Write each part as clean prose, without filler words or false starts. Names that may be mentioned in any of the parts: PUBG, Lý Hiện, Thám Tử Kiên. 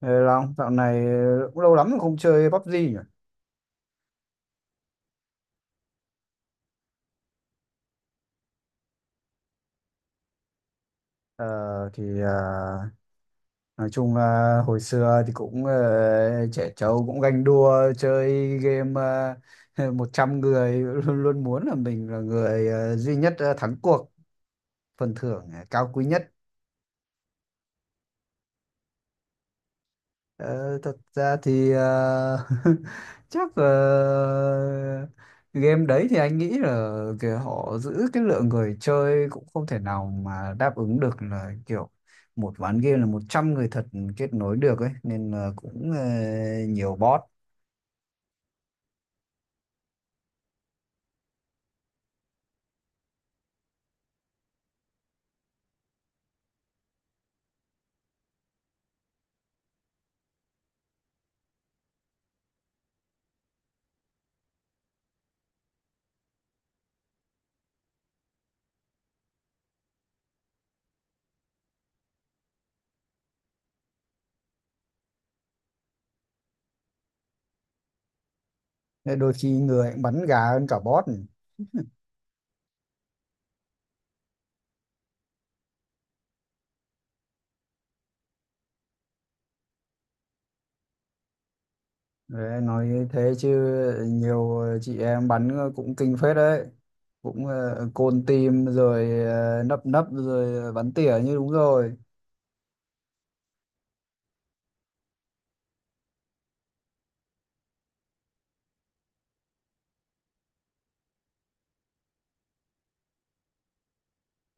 Ê Long, dạo này cũng lâu lắm rồi không chơi PUBG nhỉ? Ờ, thì à, nói chung là hồi xưa thì cũng trẻ trâu cũng ganh đua chơi game 100 người luôn, luôn muốn là mình là người duy nhất thắng cuộc, phần thưởng cao quý nhất. Ờ, Thật ra thì chắc là game đấy thì anh nghĩ là kiểu họ giữ cái lượng người chơi cũng không thể nào mà đáp ứng được là kiểu một ván game là 100 người thật kết nối được ấy, nên là cũng nhiều bot. Nên đôi khi người cũng bắn gà hơn cả bot. Đấy, nói như thế chứ nhiều chị em bắn cũng kinh phết đấy, cũng côn team rồi nấp nấp rồi bắn tỉa như đúng rồi.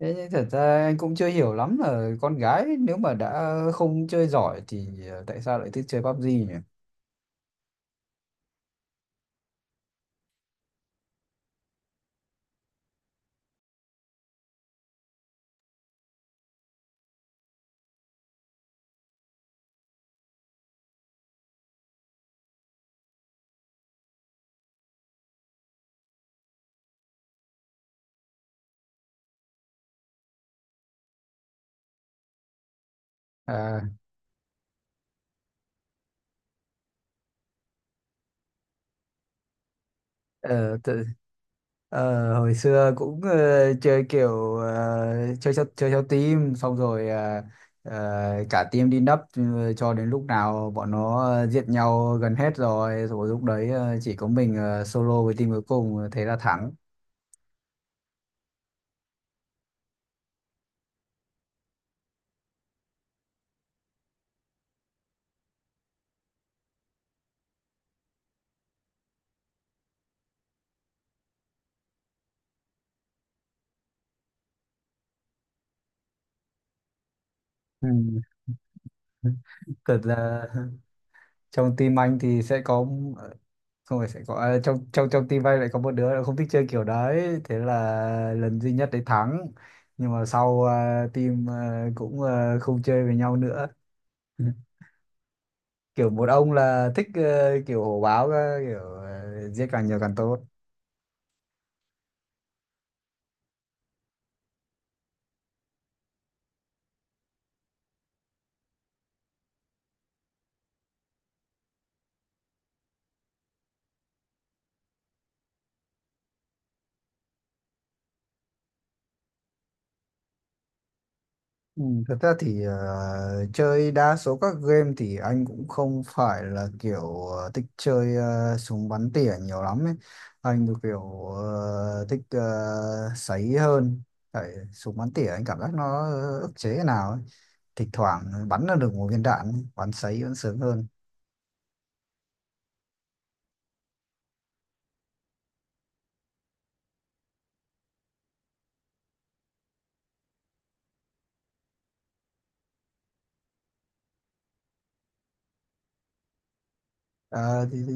Thế nhưng thật ra anh cũng chưa hiểu lắm là con gái nếu mà đã không chơi giỏi thì tại sao lại thích chơi PUBG nhỉ? À, ờ, tự, Hồi xưa cũng chơi kiểu chơi theo team, xong rồi cả team đi nấp, cho đến lúc nào bọn nó giết nhau gần hết rồi, rồi lúc đấy chỉ có mình solo với team cuối cùng thế là thắng. Ừ. Thật là trong team anh thì sẽ có, xong rồi sẽ có à, trong trong trong team bay lại có một đứa là không thích chơi kiểu đấy, thế là lần duy nhất đấy thắng, nhưng mà sau team cũng không chơi với nhau nữa. Kiểu một ông là thích kiểu hổ báo cơ, kiểu giết càng nhiều càng tốt. Ừ, thật ra thì chơi đa số các game thì anh cũng không phải là kiểu thích chơi súng bắn tỉa nhiều lắm ấy. Anh thì kiểu thích sấy hơn. Tại súng bắn tỉa anh cảm giác nó ức chế thế nào ấy. Thỉnh thoảng bắn là được một viên đạn, bắn sấy vẫn sướng hơn. Ờ, thì,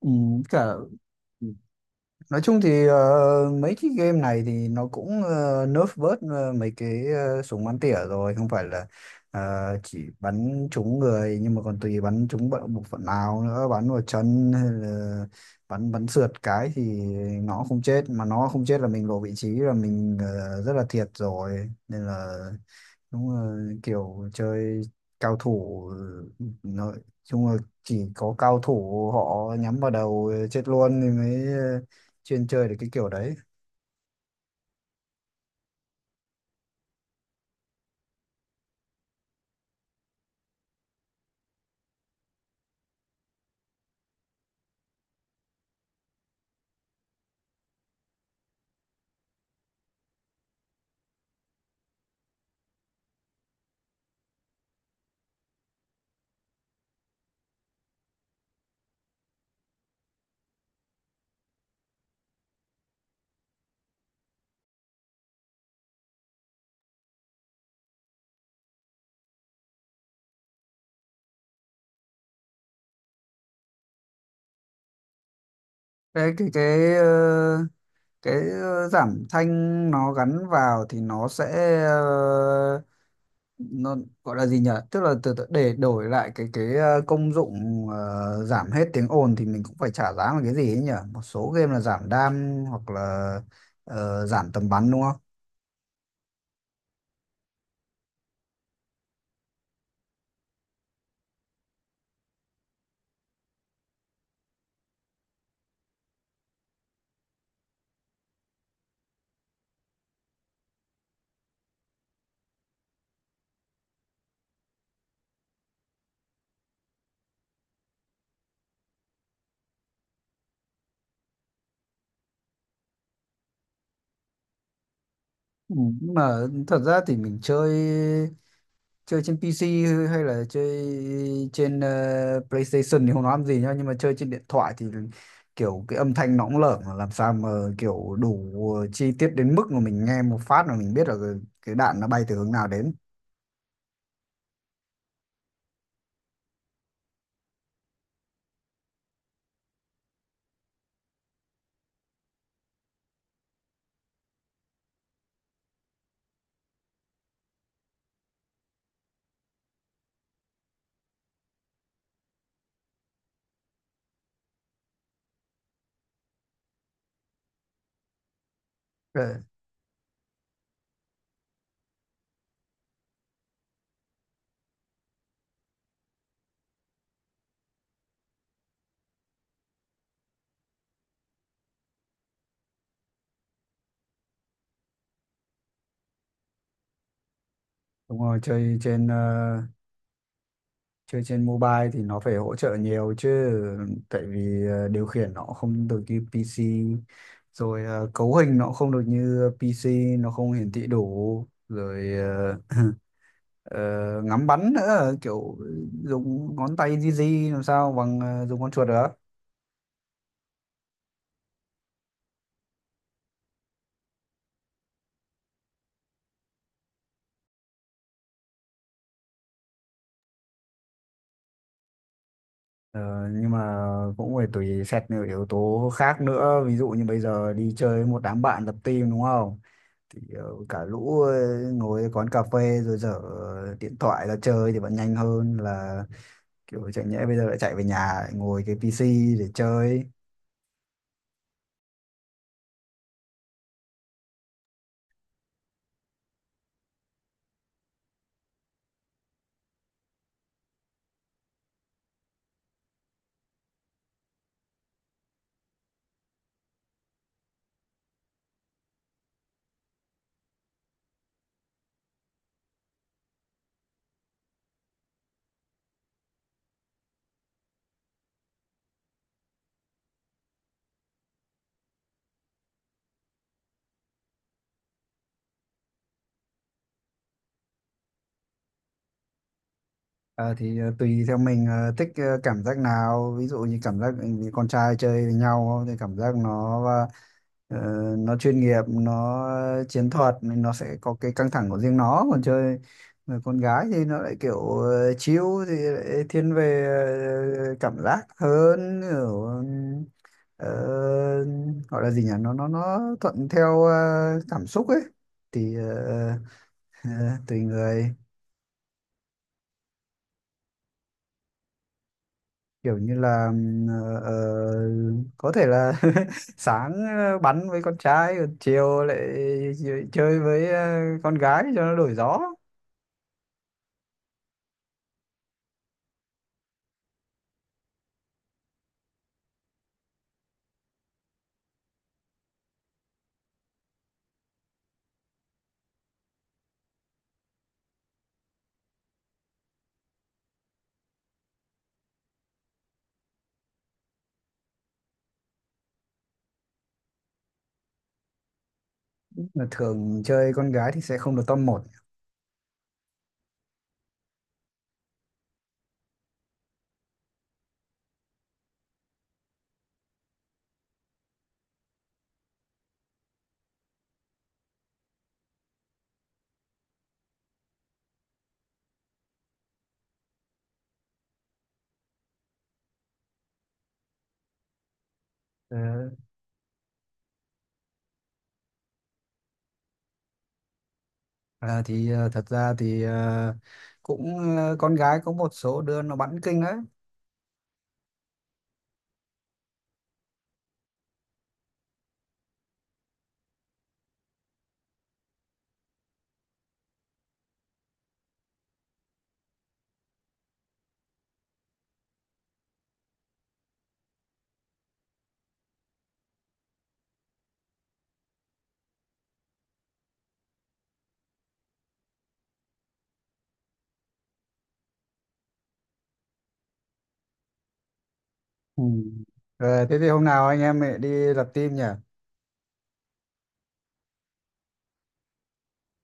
ừ, cả Nói chung thì mấy cái game này thì nó cũng nerf bớt mấy cái súng bắn tỉa rồi, không phải là ờ, chỉ bắn trúng người, nhưng mà còn tùy bắn trúng bộ bộ phận nào nữa, bắn vào chân hay là bắn bắn sượt cái thì nó không chết, mà nó không chết là mình lộ vị trí là mình rất là thiệt rồi, nên là đúng là kiểu chơi cao thủ, nói chung là chỉ có cao thủ họ nhắm vào đầu chết luôn thì mới chuyên chơi được cái kiểu đấy. cái cái cái ờ, cái giảm thanh nó gắn vào thì nó sẽ ờ, nó gọi là gì nhỉ, tức là từ để đổi lại cái công dụng giảm hết tiếng ồn thì mình cũng phải trả giá một cái gì ấy nhỉ, một số game là giảm đam hoặc là giảm tầm bắn đúng không. Ừ, nhưng mà thật ra thì mình chơi chơi trên PC hay là chơi trên PlayStation thì không nói làm gì nhá, nhưng mà chơi trên điện thoại thì kiểu cái âm thanh nó cũng lởm mà làm sao mà kiểu đủ chi tiết đến mức mà mình nghe một phát mà mình biết là cái đạn nó bay từ hướng nào đến. Ờ, đúng rồi, chơi trên mobile thì nó phải hỗ trợ nhiều chứ, tại vì điều khiển nó không được như PC, rồi cấu hình nó không được như PC, nó không hiển thị đủ, rồi ờ, ngắm bắn nữa, kiểu dùng ngón tay di di làm sao bằng dùng con chuột được. Ờ, nhưng mà cũng phải tùy xét nhiều yếu tố khác nữa, ví dụ như bây giờ đi chơi với một đám bạn lập team đúng không, thì cả lũ ngồi quán cà phê rồi dở điện thoại ra chơi thì vẫn nhanh hơn là kiểu chẳng nhẽ bây giờ lại chạy về nhà lại ngồi cái PC để chơi. Ờ, thì tùy theo mình thích cảm giác nào, ví dụ như cảm giác vì con trai chơi với nhau thì cảm giác nó ờ, nó chuyên nghiệp, nó chiến thuật nên nó sẽ có cái căng thẳng của riêng nó, còn chơi người con gái thì nó lại kiểu chill, thì lại thiên về cảm giác hơn, kiểu ờ, gọi là gì nhỉ, nó thuận theo cảm xúc ấy, thì ờ, tùy người, kiểu như là ờ, ờ, có thể là sáng bắn với con trai, còn chiều lại chơi với con gái cho nó đổi gió. Mà thường chơi con gái thì sẽ không được top 1. Ờ, Thật ra thì cũng con gái có một số đứa nó bắn kinh đấy. Ừ. Rồi thế thì hôm nào anh em mình đi lập team nhỉ,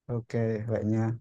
ok vậy nha.